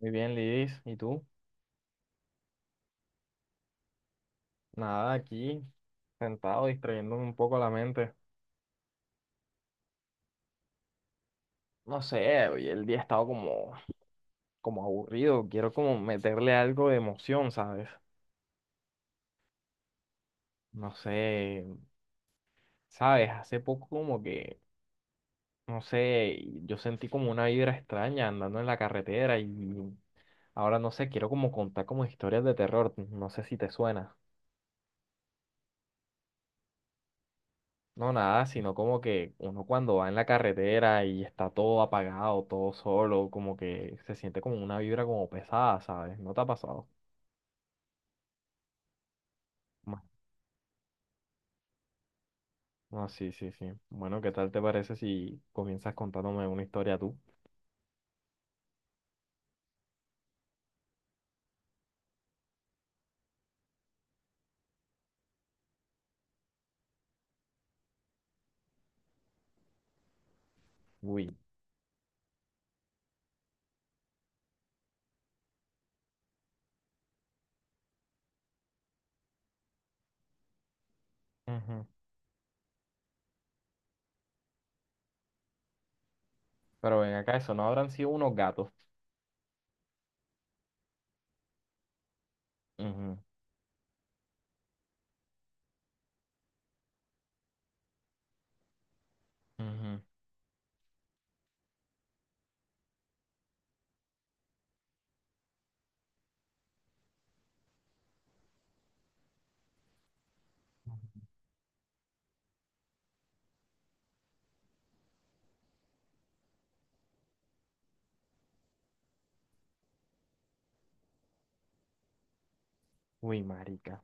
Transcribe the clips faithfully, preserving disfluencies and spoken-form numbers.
Muy bien, Lidis. ¿Y tú? Nada, aquí, sentado, distrayéndome un poco la mente. No sé, hoy el día ha estado como, como aburrido. Quiero como meterle algo de emoción, ¿sabes? No sé, ¿sabes? Hace poco como que, no sé, yo sentí como una vibra extraña andando en la carretera y ahora no sé, quiero como contar como historias de terror. No sé si te suena. No, nada, sino como que uno cuando va en la carretera y está todo apagado, todo solo, como que se siente como una vibra como pesada, ¿sabes? ¿No te ha pasado? Ma- No, sí, sí, sí. Bueno, ¿qué tal te parece si comienzas contándome una historia tú? Uy. Ujú. Pero ven acá, eso no habrán sido unos gatos. Ujú, ujú. Uy, marica.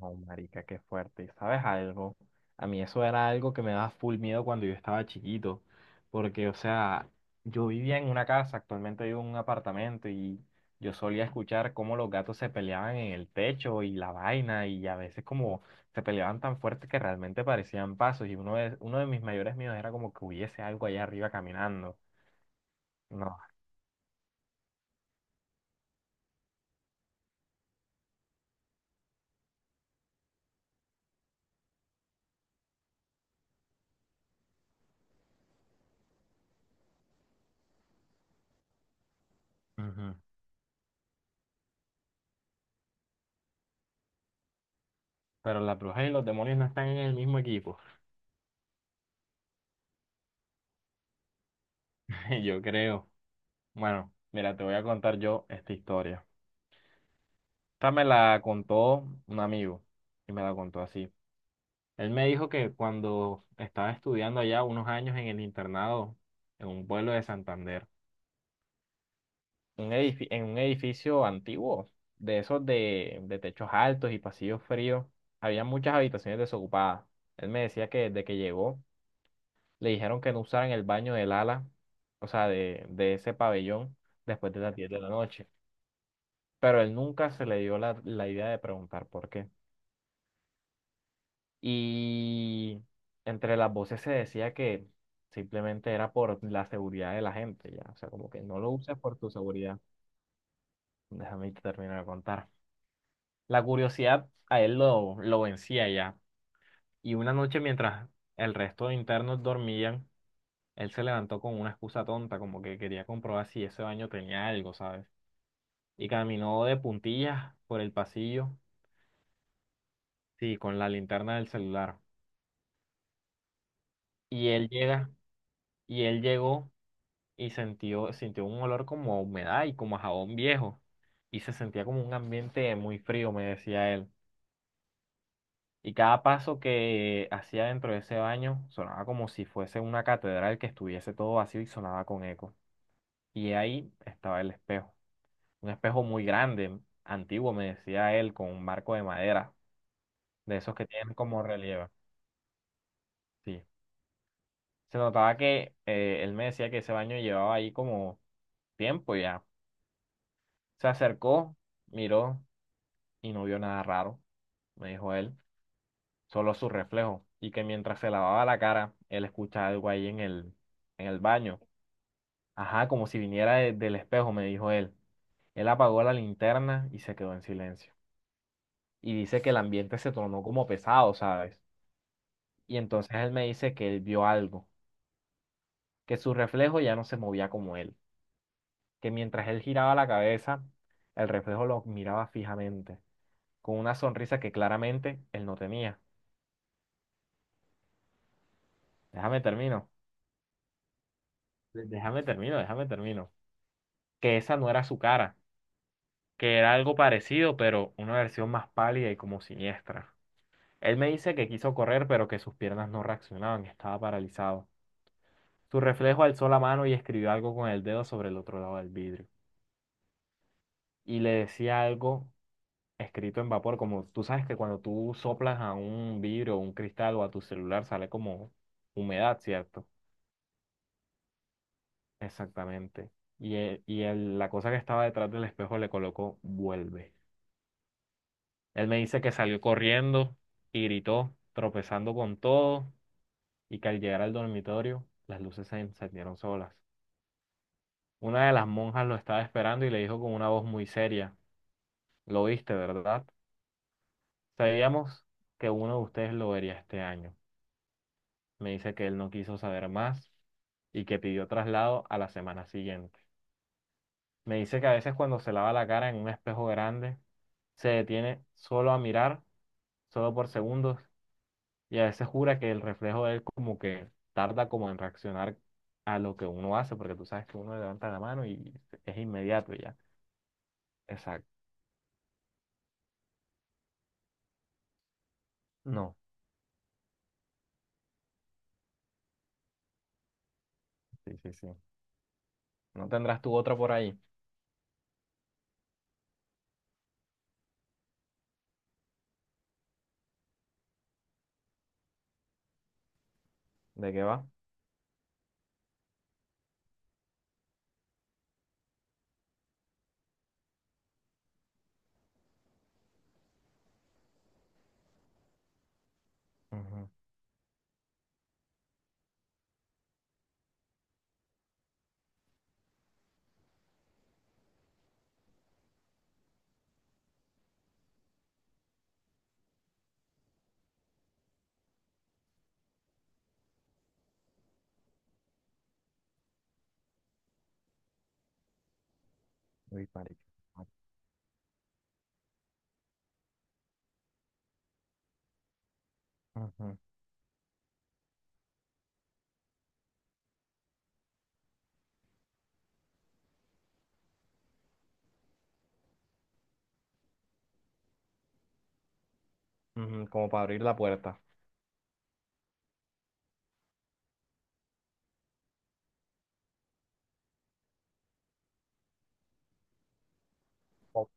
No, marica, qué fuerte. ¿Y ¿Sabes algo? A mí eso era algo que me daba full miedo cuando yo estaba chiquito, porque, o sea, yo vivía en una casa, actualmente vivo en un apartamento y yo solía escuchar cómo los gatos se peleaban en el techo y la vaina y a veces como se peleaban tan fuerte que realmente parecían pasos y uno de, uno de mis mayores miedos era como que hubiese algo allá arriba caminando. No, ujú. Pero las brujas y los demonios no están en el mismo equipo, yo creo. Bueno, mira, te voy a contar yo esta historia. Esta me la contó un amigo y me la contó así. Él me dijo que cuando estaba estudiando allá unos años en el internado, en un pueblo de Santander, un edifi- en un edificio antiguo, de esos de, de techos altos y pasillos fríos, había muchas habitaciones desocupadas. Él me decía que desde que llegó le dijeron que no usaran el baño del ala, o sea, de, de ese pabellón después de las diez de la noche. Pero él nunca se le dio la, la idea de preguntar por qué. Y entre las voces se decía que simplemente era por la seguridad de la gente, ya. O sea, como que no lo uses por tu seguridad. Déjame te termino de contar. La curiosidad a él lo, lo vencía ya. Y una noche mientras el resto de internos dormían, él se levantó con una excusa tonta, como que quería comprobar si ese baño tenía algo, ¿sabes? Y caminó de puntillas por el pasillo, sí, con la linterna del celular. Y él llega, y él llegó y sintió, sintió un olor como a humedad y como a jabón viejo. Y se sentía como un ambiente muy frío, me decía él. Y cada paso que hacía dentro de ese baño sonaba como si fuese una catedral que estuviese todo vacío y sonaba con eco. Y ahí estaba el espejo. Un espejo muy grande, antiguo, me decía él, con un marco de madera, de esos que tienen como relieve. Sí. Se notaba que eh, él me decía que ese baño llevaba ahí como tiempo ya. Se acercó, miró y no vio nada raro, me dijo él, solo su reflejo, y que mientras se lavaba la cara, él escuchaba algo ahí en el, en el baño. Ajá, como si viniera de- del espejo, me dijo él. Él apagó la linterna y se quedó en silencio. Y dice que el ambiente se tornó como pesado, ¿sabes? Y entonces él me dice que él vio algo, que su reflejo ya no se movía como él, que mientras él giraba la cabeza, el reflejo lo miraba fijamente, con una sonrisa que claramente él no tenía. Déjame termino. Déjame termino, déjame termino. Que esa no era su cara, que era algo parecido, pero una versión más pálida y como siniestra. Él me dice que quiso correr, pero que sus piernas no reaccionaban, que estaba paralizado. Su reflejo alzó la mano y escribió algo con el dedo sobre el otro lado del vidrio. Y le decía algo escrito en vapor, como tú sabes que cuando tú soplas a un vidrio o un cristal o a tu celular sale como humedad, ¿cierto? Exactamente. Y, el- y el- la cosa que estaba detrás del espejo le colocó vuelve. Él me dice que salió corriendo y gritó, tropezando con todo, y que al llegar al dormitorio las luces se encendieron solas. Una de las monjas lo estaba esperando y le dijo con una voz muy seria, ¿lo viste, verdad? Sabíamos que uno de ustedes lo vería este año. Me dice que él no quiso saber más y que pidió traslado a la semana siguiente. Me dice que a veces cuando se lava la cara en un espejo grande, se detiene solo a mirar, solo por segundos, y a veces jura que el reflejo de él como que tarda como en reaccionar a lo que uno hace, porque tú sabes que uno levanta la mano y es inmediato y ya. Exacto. No, sí, sí, sí. ¿No tendrás tú otra por ahí? ¿De qué va? Ujú. Uy, marica. Ujú. Ujú, como para abrir la puerta. Oh,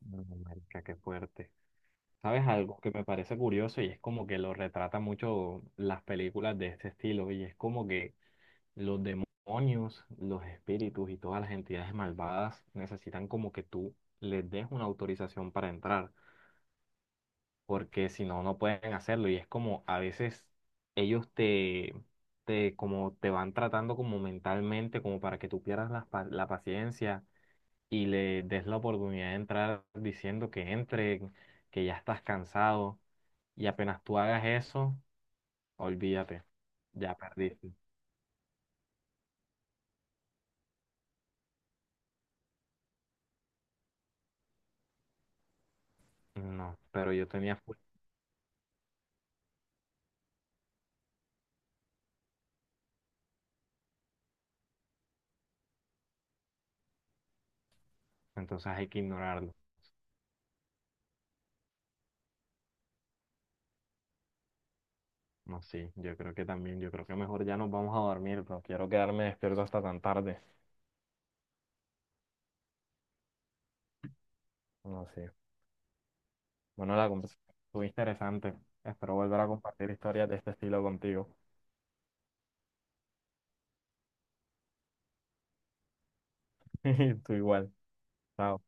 no, marica, qué fuerte. ¿Sabes algo que me parece curioso y es como que lo retrata mucho las películas de este estilo? Y es como que los demonios, los espíritus y todas las entidades malvadas necesitan como que tú les des una autorización para entrar, porque si no, no pueden hacerlo. Y es como a veces ellos te, te, como te van tratando como mentalmente, como para que tú pierdas la, pa- la paciencia y le des la oportunidad de entrar diciendo que entre, que ya estás cansado. Y apenas tú hagas eso, olvídate, ya perdiste. No, pero yo tenía fuerza, entonces hay que ignorarlo. No, sí, yo creo que también, yo creo que mejor ya nos vamos a dormir, pero quiero quedarme despierto hasta tan tarde. No, sí. Bueno, la conversación estuvo interesante. Espero volver a compartir historias de este estilo contigo. Tú igual. Chao.